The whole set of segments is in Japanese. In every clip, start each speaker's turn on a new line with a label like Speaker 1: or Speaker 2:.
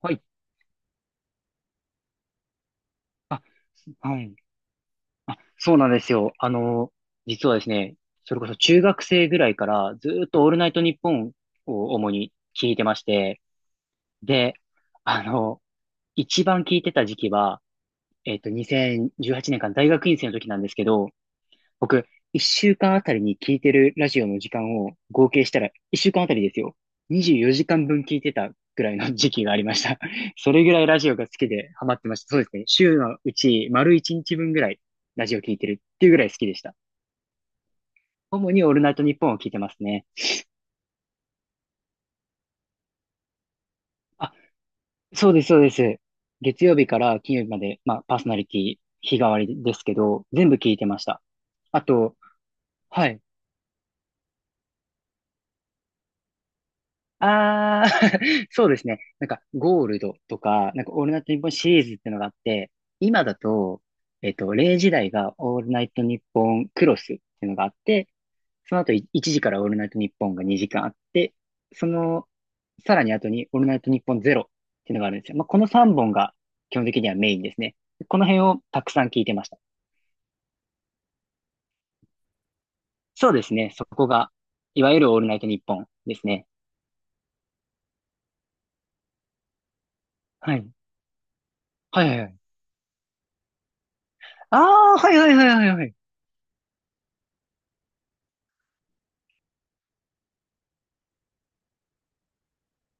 Speaker 1: はい。あ、はい。あ、そうなんですよ。実はですね、それこそ中学生ぐらいからずーっとオールナイトニッポンを主に聞いてまして、で、あの、一番聞いてた時期は、2018年間大学院生の時なんですけど、僕、一週間あたりに聞いてるラジオの時間を合計したら、一週間あたりですよ。24時間分聞いてたぐらいの時期がありました。それぐらいラジオが好きでハマってました。そうですね。週のうち丸1日分ぐらいラジオ聞いてるっていうぐらい好きでした。主にオールナイトニッポンを聞いてますね。あ、そうです、そうです。月曜日から金曜日まで、まあ、パーソナリティ日替わりですけど、全部聞いてました。あと、はい。ああ、そうですね。なんか、ゴールドとか、なんか、オールナイトニッポンシリーズっていうのがあって、今だと、0時台がオールナイトニッポンクロスっていうのがあって、その後1時からオールナイトニッポンが2時間あって、その、さらに後にオールナイトニッポンゼロっていうのがあるんですよ。まあ、この3本が基本的にはメインですね。この辺をたくさん聞いてました。そうですね。そこが、いわゆるオールナイトニッポンですね。はい。はいはいはい。ああ、はいはいはいはいはい。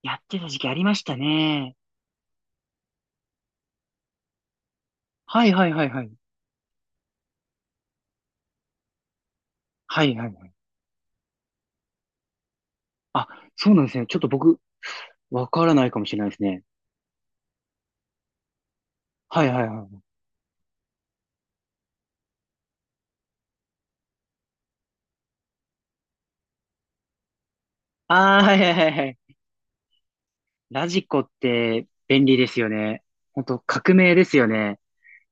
Speaker 1: やってた時期ありましたね。はいはいはいはい。はいはいはい。あ、そうなんですね。ちょっと僕、わからないかもしれないですね。はいはいはい。ああ、はいはいはいはい。ラジコって便利ですよね。本当革命ですよね。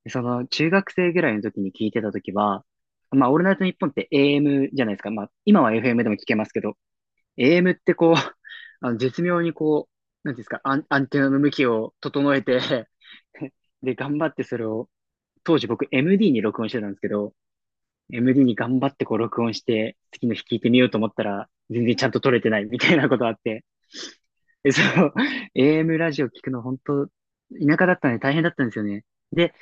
Speaker 1: その、中学生ぐらいの時に聞いてた時は、まあ、オールナイトニッポンって AM じゃないですか。まあ、今は FM でも聞けますけど、AM ってこう、あの絶妙にこう、なんていうんですか、アンテナの向きを整えて で、頑張ってそれを当時僕 MD に録音してたんですけど、MD に頑張ってこう録音して、次の日聞いてみようと思ったら、全然ちゃんと撮れてないみたいなことあって。で、そう、AM ラジオ聞くの本当、田舎だったんで大変だったんですよね。で、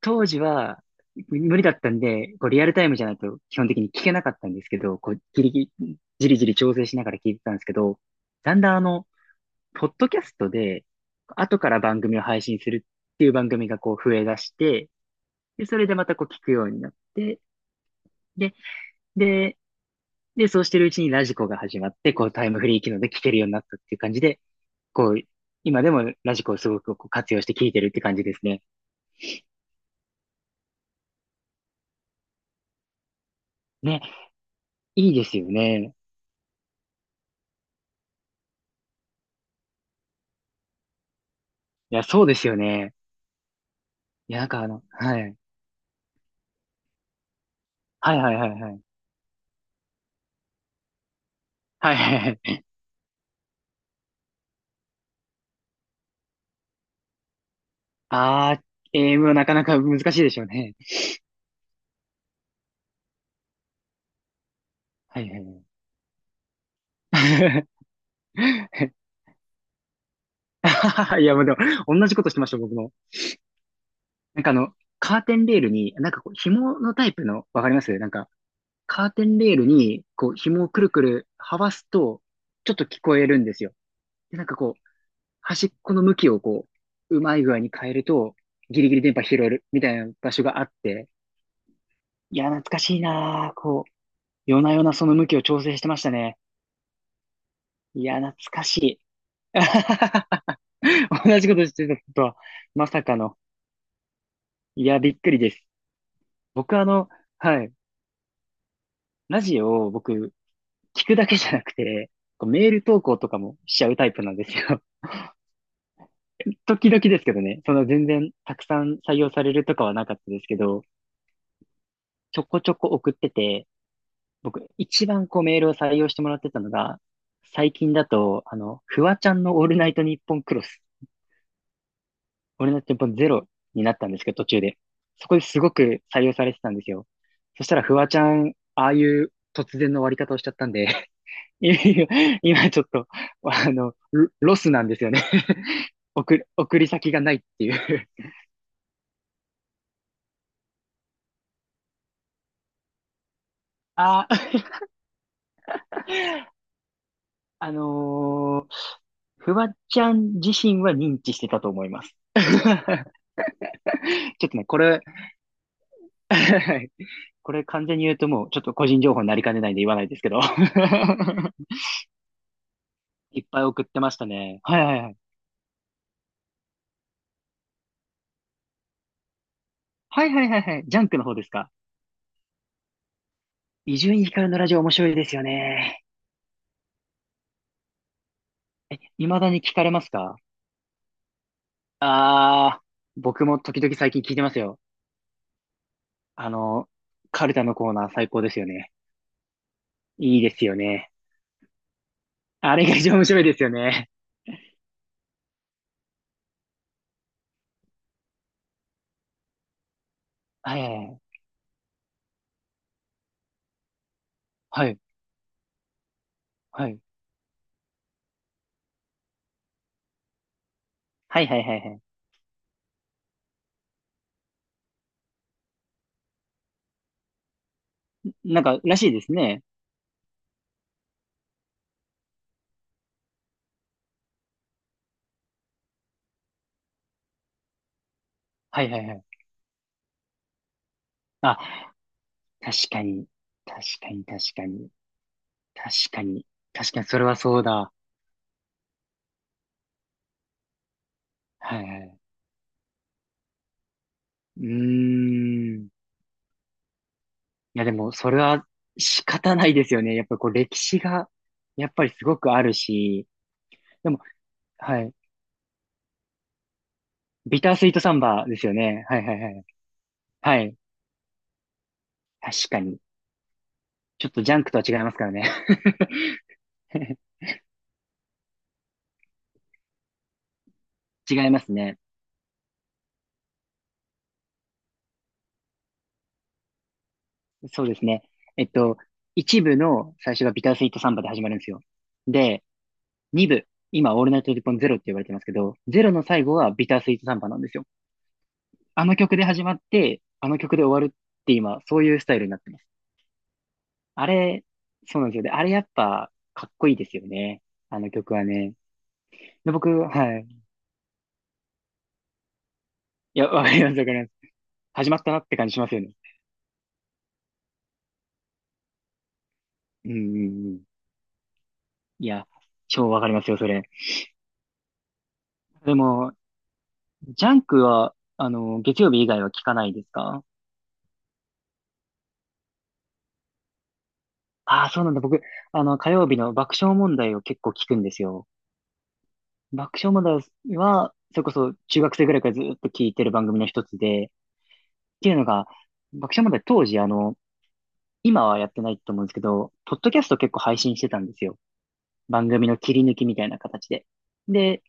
Speaker 1: 当時は無理だったんで、こうリアルタイムじゃないと基本的に聞けなかったんですけど、こうギリギリ、じりじり調整しながら聞いてたんですけど、だんだんポッドキャストで、後から番組を配信するっていう番組がこう増え出して、で、それでまたこう聞くようになって、で、で、で、そうしてるうちにラジコが始まって、こうタイムフリー機能で聞けるようになったっていう感じで、こう、今でもラジコをすごくこう活用して聞いてるって感じですね。ね、いいですよね。いや、そうですよね。いや、なんかあの、はい。はいはいはいはい。はいはいはい。あー、a ムはなかなか難しいでしょうね。はいはいはい。いや、もうでも、同じことしてました、僕も。なんかあの、カーテンレールに、なんかこう、紐のタイプの、わかりますなんか、カーテンレールに、こう、紐をくるくるはわすと、ちょっと聞こえるんですよ。で、なんかこう、端っこの向きをこう、うまい具合に変えると、ギリギリ電波拾えるみたいな場所があって、いや、懐かしいなぁ。こう、夜な夜なその向きを調整してましたね。いや、懐かしい。同じことしてたとは、まさかの。いや、びっくりです。僕あの、はい、ラジオを僕、聞くだけじゃなくて、こうメール投稿とかもしちゃうタイプなんですよ。時々ですけどね、その全然たくさん採用されるとかはなかったですけど、ちょこちょこ送ってて、僕一番こうメールを採用してもらってたのが、最近だと、あの、フワちゃんのオールナイトニッポンクロス、オールナイトニッポンゼロになったんですけど、途中で。そこですごく採用されてたんですよ。そしたらフワちゃん、ああいう突然の終わり方をしちゃったんで、今今ちょっと、あの、ロロスなんですよね。送り先がないっていう。あ、あのーフワちゃん自身は認知してたと思います。ちょっとね、これ これ完全に言うともうちょっと個人情報になりかねないんで言わないですけど いっぱい送ってましたね。はいはいはい。はいはいはいはい。ジャンクの方ですか。伊集院光のラジオ面白いですよね。え、未だに聞かれますか？あー、僕も時々最近聞いてますよ。あの、カルタのコーナー最高ですよね。いいですよね。あれが一番面白いですよね。はいはいはい。はい。はい。はいはいはいはい。なんか、らしいですね。はいはいはい。あ、確かに。確かに、確かに。確かに。確かに、それはそうだ。はいはい。うーん。いや、でも、それは仕方ないですよね。やっぱりこう、歴史が、やっぱりすごくあるし。でも、はい。ビタースイートサンバですよね。はいはいはい。はい。確かに。ちょっとジャンクとは違いますからね。違いますね。そうですね。えっと、一部の最初がビタースイートサンバで始まるんですよ。で、2部、今、オールナイトニッポンゼロって言われてますけど、ゼロの最後はビタースイートサンバなんですよ。あの曲で始まって、あの曲で終わるって今、そういうスタイルになってます。あれ、そうなんですよね。あれやっぱ、かっこいいですよね。あの曲はね。で僕、はい。いや、わかります、わかります。始まったなって感じしますよね。うんうんうん。いや、超わかりますよ、それ。でも、ジャンクは、あの、月曜日以外は聞かないですか？ああー、そうなんだ。僕、あの、火曜日の爆笑問題を結構聞くんですよ。爆笑問題は、それこそ中学生ぐらいからずっと聞いてる番組の一つで、っていうのが、爆笑問題当時、あの、今はやってないと思うんですけど、ポッドキャスト結構配信してたんですよ。番組の切り抜きみたいな形で。で、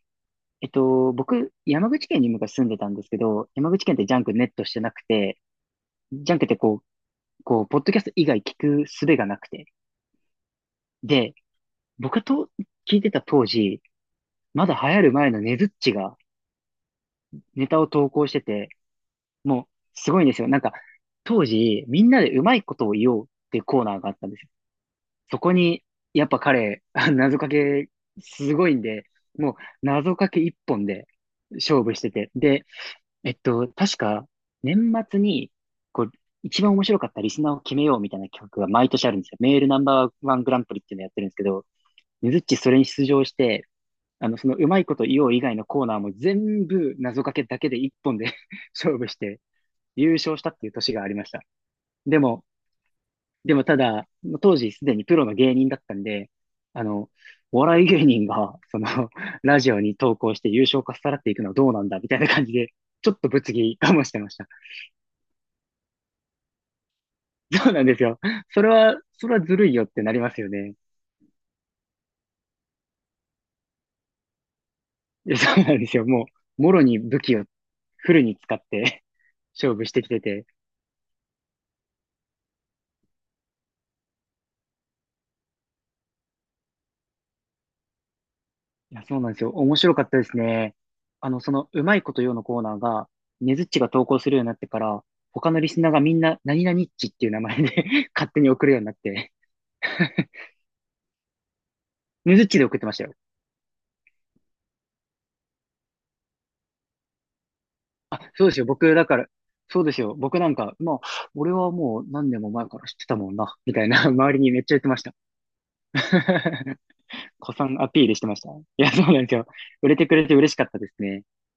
Speaker 1: えっと、僕、山口県に昔住んでたんですけど、山口県ってジャンクネットしてなくて、ジャンクってこう、こう、ポッドキャスト以外聞く術がなくて。で、僕と聞いてた当時、まだ流行る前のねずっちがネタを投稿してて、もう、すごいんですよ。なんか、当時、みんなでうまいことを言おうっていうコーナーがあったんですよ。そこに、やっぱ彼、あ謎かけ、すごいんで、もう、謎かけ一本で勝負してて。で、えっと、確か、年末に、こう、一番面白かったリスナーを決めようみたいな企画が毎年あるんですよ。メールナンバーワングランプリっていうのやってるんですけど、ねずっちそれに出場して、あの、そのうまいこと言おう以外のコーナーも全部謎かけだけで一本で 勝負して、優勝したっていう年がありました。でも、でもただ、当時すでにプロの芸人だったんで、あの、お笑い芸人が、その、ラジオに投稿して優勝かっさらっていくのはどうなんだ、みたいな感じで、ちょっと物議かもしてました。そうなんですよ。それは、それはずるいよってなりますよね。いやそうなんですよ。もう、もろに武器をフルに使って 勝負してきてて、いや、そうなんですよ。面白かったですね。あの、その、うまいことよのコーナーが、ねずっちが投稿するようになってから、他のリスナーがみんな、何々っちっていう名前で 勝手に送るようになって、ねずっちで送ってましたよ。あ、そうですよ。僕、だから、そうですよ。僕なんか、まあ、俺はもう何年も前から知ってたもんな、みたいな、周りにめっちゃ言ってました。子さんアピールしてました。いや、そうなんですよ。売れてくれて嬉しかったですね。